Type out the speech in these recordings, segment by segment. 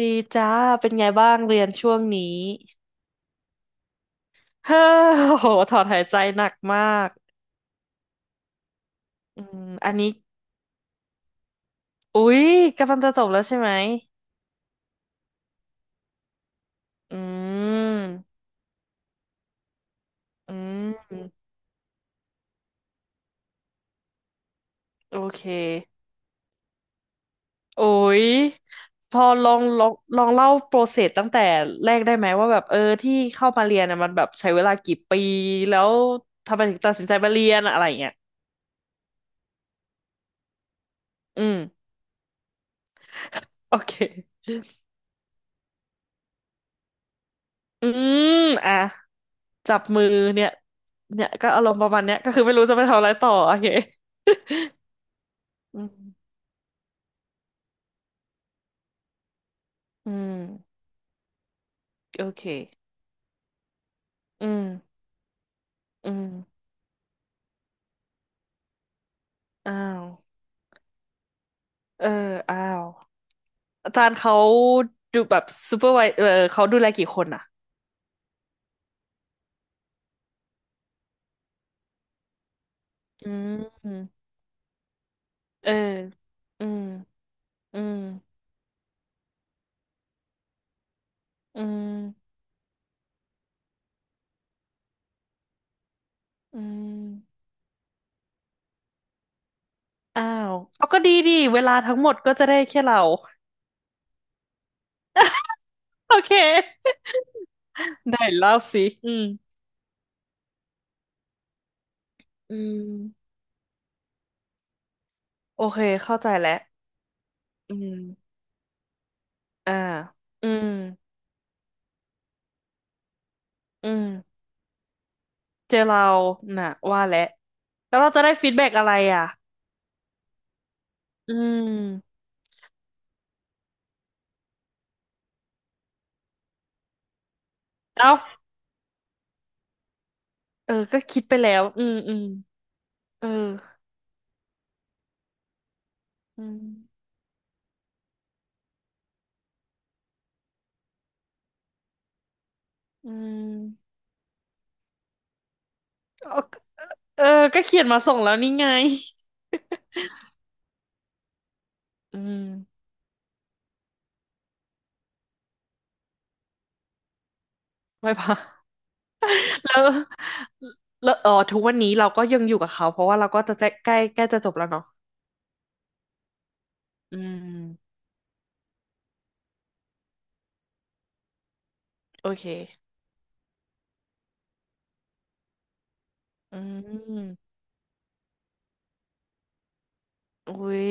ดีจ้า เป็นไงบ้างเรียนช่วงนี้เฮ้อโอ้โหถอนหายใจหนักมากอืมอันนี้ อุ๊ยกำลังจะจบแล้วใช่ไหม อืม อืม โอเคโอ้ยพอลองเล่าโปรเซสตั้งแต่แรกได้ไหมว่าแบบเออที่เข้ามาเรียนน่ะมันแบบใช้เวลากี่ปี แล้วทำไมถึงตัดสินใจมาเรียนอะอะไรอย่างเงี้ยอืม โอเค อืมอ่ะ จับมือเนี่ยเนี่ยก็อารมณ์ประมาณเนี้ยก็คือไม่รู้จะไปทำอะไรต่อโอเคอืมอืมโอเคอืมอืมอ้าวเอออ้าวอาจารย์เขาดูแบบซูเปอร์ไวเออเขาดูแลกี่คนอ่ะอืมเอออืมอืมอืมอืมอ้าวเอาก็ดีดีเวลาทั้งหมดก็จะได้แค่เราโอเค ได้เล่าสิอืมอืมโอเคเข้าใจแล้วอืม อ่าอืมอืมเจอเราน่ะว่าแล้วแล้วเราจะได้ฟีดแบ็กอะไรอ่ะ อืมเอ้าเออก็คิดไปแล้ว อืมอืมเอออืมอืมเอาเออก็เขียนมาส่งแล้วนี่ไง อืมไว้ พะแล้วแล้วเออทุกวันนี้เราก็ยังอยู่กับเขาเพราะว่าเราก็จะใกล้ใกล้ใกล้จะจบแล้วเนาะอืม โอเค อืมอุ้ย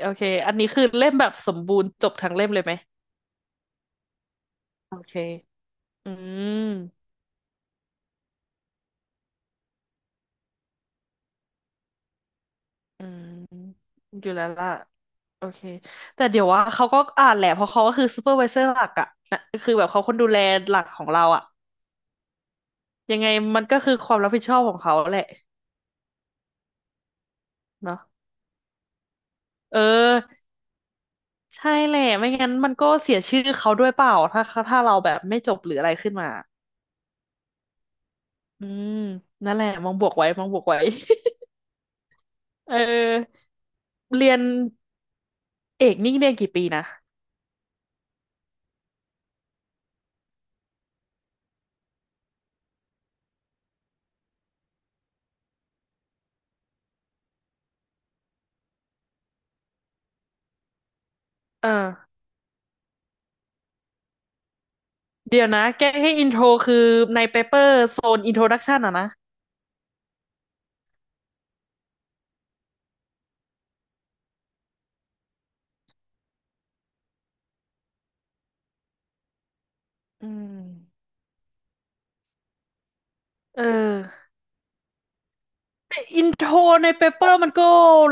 โอเค อันนี้คือเล่มแบบสมบูรณ์จบทั้งเล่มเลยไหม โอเค อืมอืมอยู่แล้วล่ะ โอเค แต่เดี๋ยวว่าเขาก็อ่านแหละเพราะเขาก็คือซูเปอร์ไวเซอร์หลักอะนะคือแบบเขาคนดูแลหลักของเราอะยังไงมันก็คือความรับผิดชอบของเขาแหละเนาะเออใช่แหละไม่งั้นมันก็เสียชื่อเขาด้วยเปล่าถ้าถ้าเราแบบไม่จบหรืออะไรขึ้นมาอืมนั่นแหละมองบวกไว้มองบวกไว้ เออเรียนเอกนี่เรียนกี่ปีนะเออเดี๋ยวนะ แก้ให้อินโทรคือในเปเปอร์โซนอินโทรดักชันอะนะ อืมเอออินโทรในเปเปอร์มันก็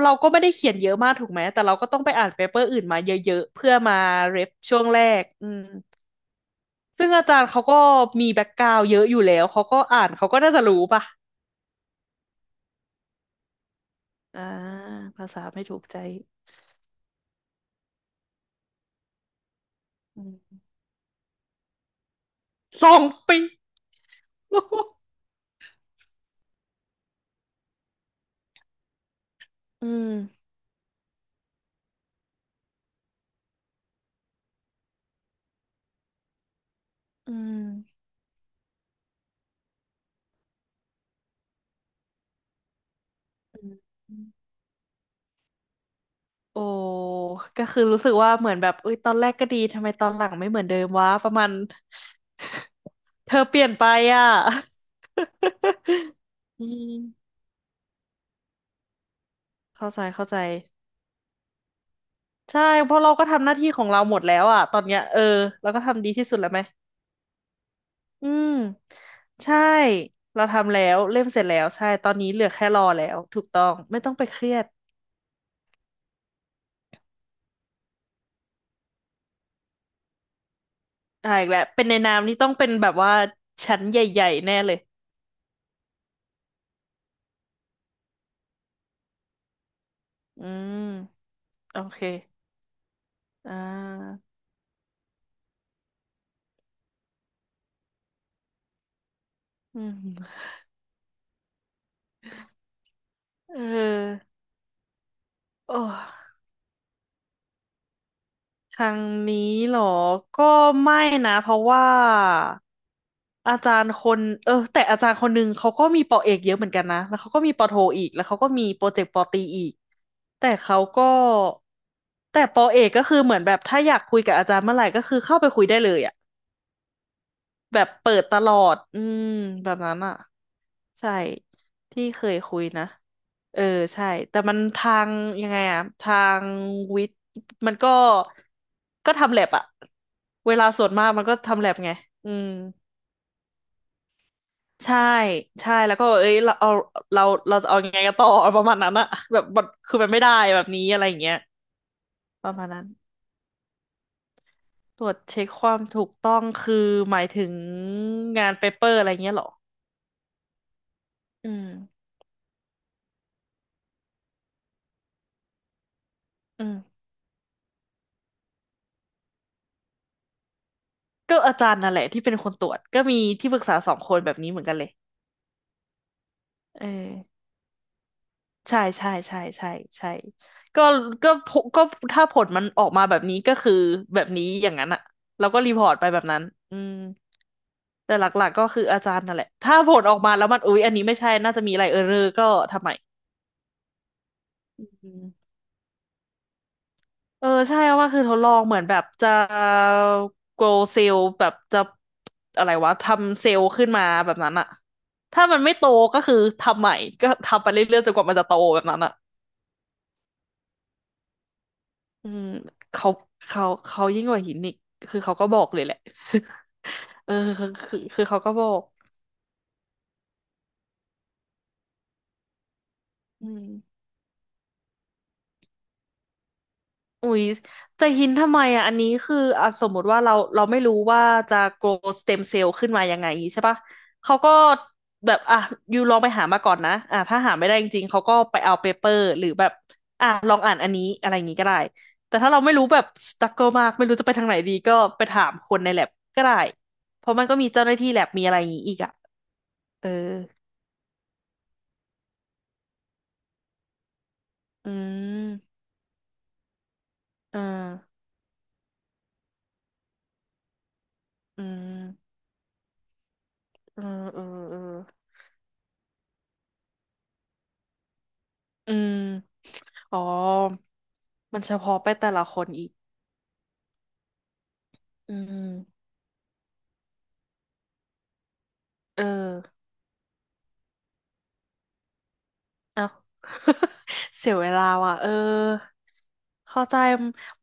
เราก็ไม่ได้เขียนเยอะมากถูกไหมแต่เราก็ต้องไปอ่านเปเปอร์อื่นมาเยอะๆเพื่อมาเรฟช่วงแรกอืมซึ่งอาจารย์เขาก็มีแบ็กกราวด์เยอะอยู่แล้วเขาก็อ่านเขาก็น่าจะรู้ป่ะอ่าภาษาไม่ถูกใจอืมสองปีอืมอืมอืมอืมโอ้ก็คือรู้สึกว่าเหมือนแบบเอุ้ยตอนแรกก็ดีทำไมตอนหลังไม่เหมือนเดิมวะประมาณ เธอเปลี่ยนไปอ่ะ อืมเข้าใจเข้าใจใช่เพราะเราก็ทำหน้าที่ของเราหมดแล้วอ่ะตอนเนี้ยเออเราก็ทำดีที่สุดแล้วไหมอืมใช่เราทำแล้วเล่มเสร็จแล้วใช่ตอนนี้เหลือแค่รอแล้วถูกต้องไม่ต้องไปเครียดอ่าอีกแล้วเป็นในนามนี่ต้องเป็นแบบว่าชั้นใหญ่ๆแน่เลยอืมโอเคอ่าอืมเออโอ้ ทางนี้เหรอ ก็ไม่นะเพราะว่าอาจารย์คนเออแต่อาจารย์คนหนึ่งเขาก็มีปอเอกเยอะเหมือนกันนะแล้วเขาก็มีปอโทอีกแล้วเขาก็มีโปรเจกต์ปอตรีอีกแต่เขาก็แต่ปอเอกก็คือเหมือนแบบถ้าอยากคุยกับอาจารย์เมื่อไหร่ก็คือเข้าไปคุยได้เลยอะ แบบเปิดตลอด อืมแบบนั้นอ่ะใช่ที่เคยคุยนะเออใช่แต่มันทางยังไงอะทางวิทย์มันก็ก็ทำแลบอะเวลาส่วนมากมันก็ทำแลบไงอืมใช่ใช่แล้วก็เอ้ยเราเราจะเอายังไงกันต่อประมาณนั้นอะแบบมันคือมันไม่ได้แบบนี้อะไรอย่างเงี้ยประมาณนั้นตรวจเช็คความถูกต้องคือหมายถึงงานเปเปอร์อะไรเงี้ยเหรออืมอืม ก็อาจารย์นั่นแหละที่เป็นคนตรวจก็มีที่ปรึกษาสองคนแบบนี้เหมือนกันเลยเออใช่ใช่ใช่ใช่ใช่ก็ก็ผก็ถ้าผลมันออกมาแบบนี้ก็คือแบบนี้อย่างนั้นอะเราก็รีพอร์ตไปแบบนั้นอืมแต่หลักๆก็คืออาจารย์นั่นแหละถ้าผลออกมาแล้วมันอุ๊ยอันนี้ไม่ใช่น่าจะมีอะไรเออร์เรอร์ก็ทำไมอืม เออใช่ว่าคือทดลองเหมือนแบบจะ grow เซลล์แบบจะอะไรวะทำเซลล์ขึ้นมาแบบนั้นอะถ้ามันไม่โตก็คือทำใหม่ก็ทำไปเรื่อยๆจนกว่ามันจะโตแบบนั้นอะอืมเขาเขาเขายิ่งกว่าหินอีกคือเขาก็บอกเลยแหละ เออคือเขาก็บอกอืม อุ๊ยจะหินทำไมอ่ะ อันนี้คืออ่ะสมมติว่าเราเราไม่รู้ว่าจะ grow stem cell ขึ้นมายังไงใช่ปะ เขาก็แบบ อ่ะยูลองไปหามาก่อนนะอ่ะถ้าหาไม่ได้จริงๆ เขาก็ไปเอาเปเปอร์หรือแบบ อ่ะ ลองอ่านอันนี้ อะไรอย่างงี้ก็ได้ แต่ถ้าเราไม่รู้แบบ struggle มาก ไม่รู้จะไปทางไหนดี ก็ไปถามคนใน lab ก็ได้ เพราะมันก็มีเจ้าหน้าที่ lab มีอะไรอย่างงี้อีกอ่ะ เอออืมอ่าอืมออเออเอออืม อ๋อ มันเฉพาะไปแต่ละคนอีกอืมเออเอ้า เสียเวลาว่ะ เออเข้าใจ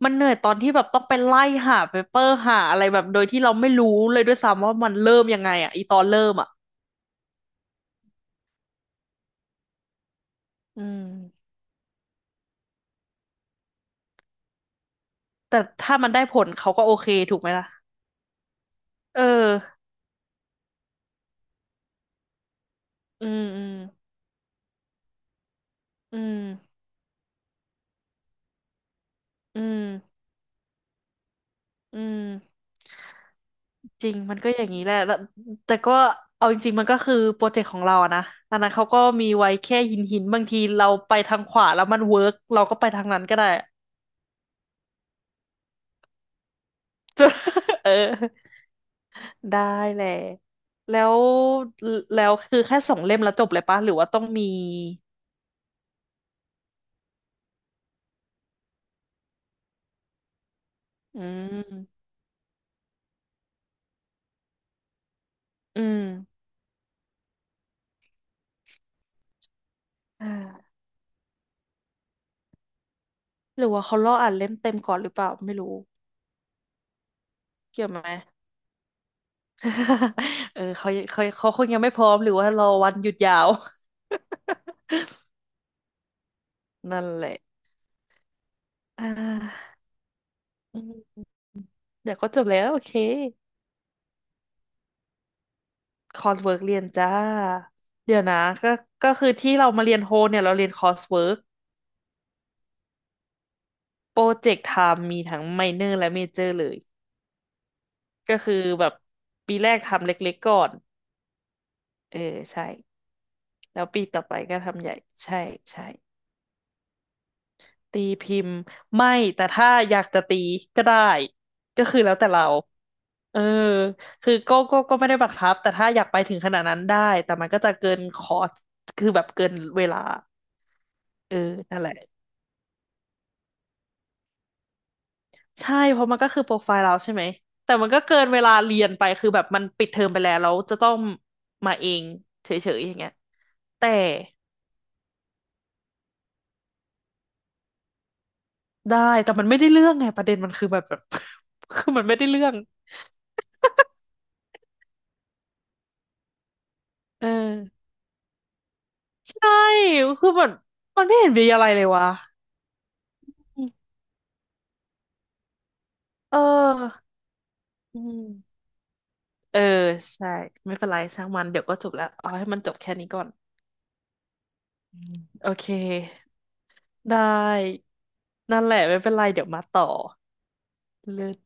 มันเหนื่อยตอนที่แบบต้องไปไล่หาเปเปอร์หาอะไรแบบโดยที่เราไม่รู้เลยด้วยซ้ำว่ามันเริ่มยังไงอีตอนเริ่มอ่ะอืมแต่ถ้ามันได้ผลเขาก็โอเคถูกไหมล่ะ เออ อืม อืม อืม อืมอืม จริงมันก็อย่างนี้แหละแล้วแต่ก็เอาจริงๆมันก็คือโปรเจกต์ของเราอะนะอันนั้นเขาก็มีไว้แค่หินบางทีเราไปทางขวาแล้วมันเวิร์กเราก็ไปทางนั้นก็ได้จะ เออได้แหละแล้วแล้วคือแค่2 เล่มแล้วจบเลยปะหรือว่าต้องมีอืมอืมอ่าหรือว่าเขารออ่านเล่มเต็มก่อนหรือเปล่าไม่รู้เกี่ยวไหม เออเขาคงยังไม่พร้อมหรือว่ารอวันหยุดยาว นั่นแหละอ่า อืมเดี๋ยวก็จบแล้วโอเคคอร์สเวิร์กเรียนจ้าเดี๋ยวนะก็ก็คือที่เรามาเรียนโฮเนี่ยเราเรียนคอร์สเวิร์กโปรเจกต์ทำมีทั้งไมเนอร์และเมเจอร์เลยก็คือแบบปีแรกทำเล็กๆก่อนเออใช่แล้วปีต่อไปก็ทำใหญ่ใช่ใช่ตีพิมพ์ไม่แต่ถ้าอยากจะตีก็ได้ก็คือแล้วแต่เราเออคือก็ไม่ได้บังคับแต่ถ้าอยากไปถึงขนาดนั้นได้แต่มันก็จะเกินคอร์สคือแบบเกินเวลา เออนั่นแหละใช่เพราะมันก็คือโปรไฟล์เราใช่ไหมแต่มันก็เกินเวลาเรียนไปคือแบบมันปิดเทอมไปแล้วแล้วจะต้องมาเองเฉยๆอย่างเงี้ยแต่ได้แต่มันไม่ได้เรื่องไงประเด็นมันคือแบบ แบบ คือมันไม่ได้เรื่องเออใช่คือมันไม่เห็นมีอะไรเลยวะอืมเอออืมเออใช่ไม่เป็นไรช่างมันเดี๋ยวก็จบแล้วเอาให้มันจบแค่นี้ก่อนอืมโอเคได้นั่นแหละไม่เป็นไรเดี๋ยวมาต่อ เลิศ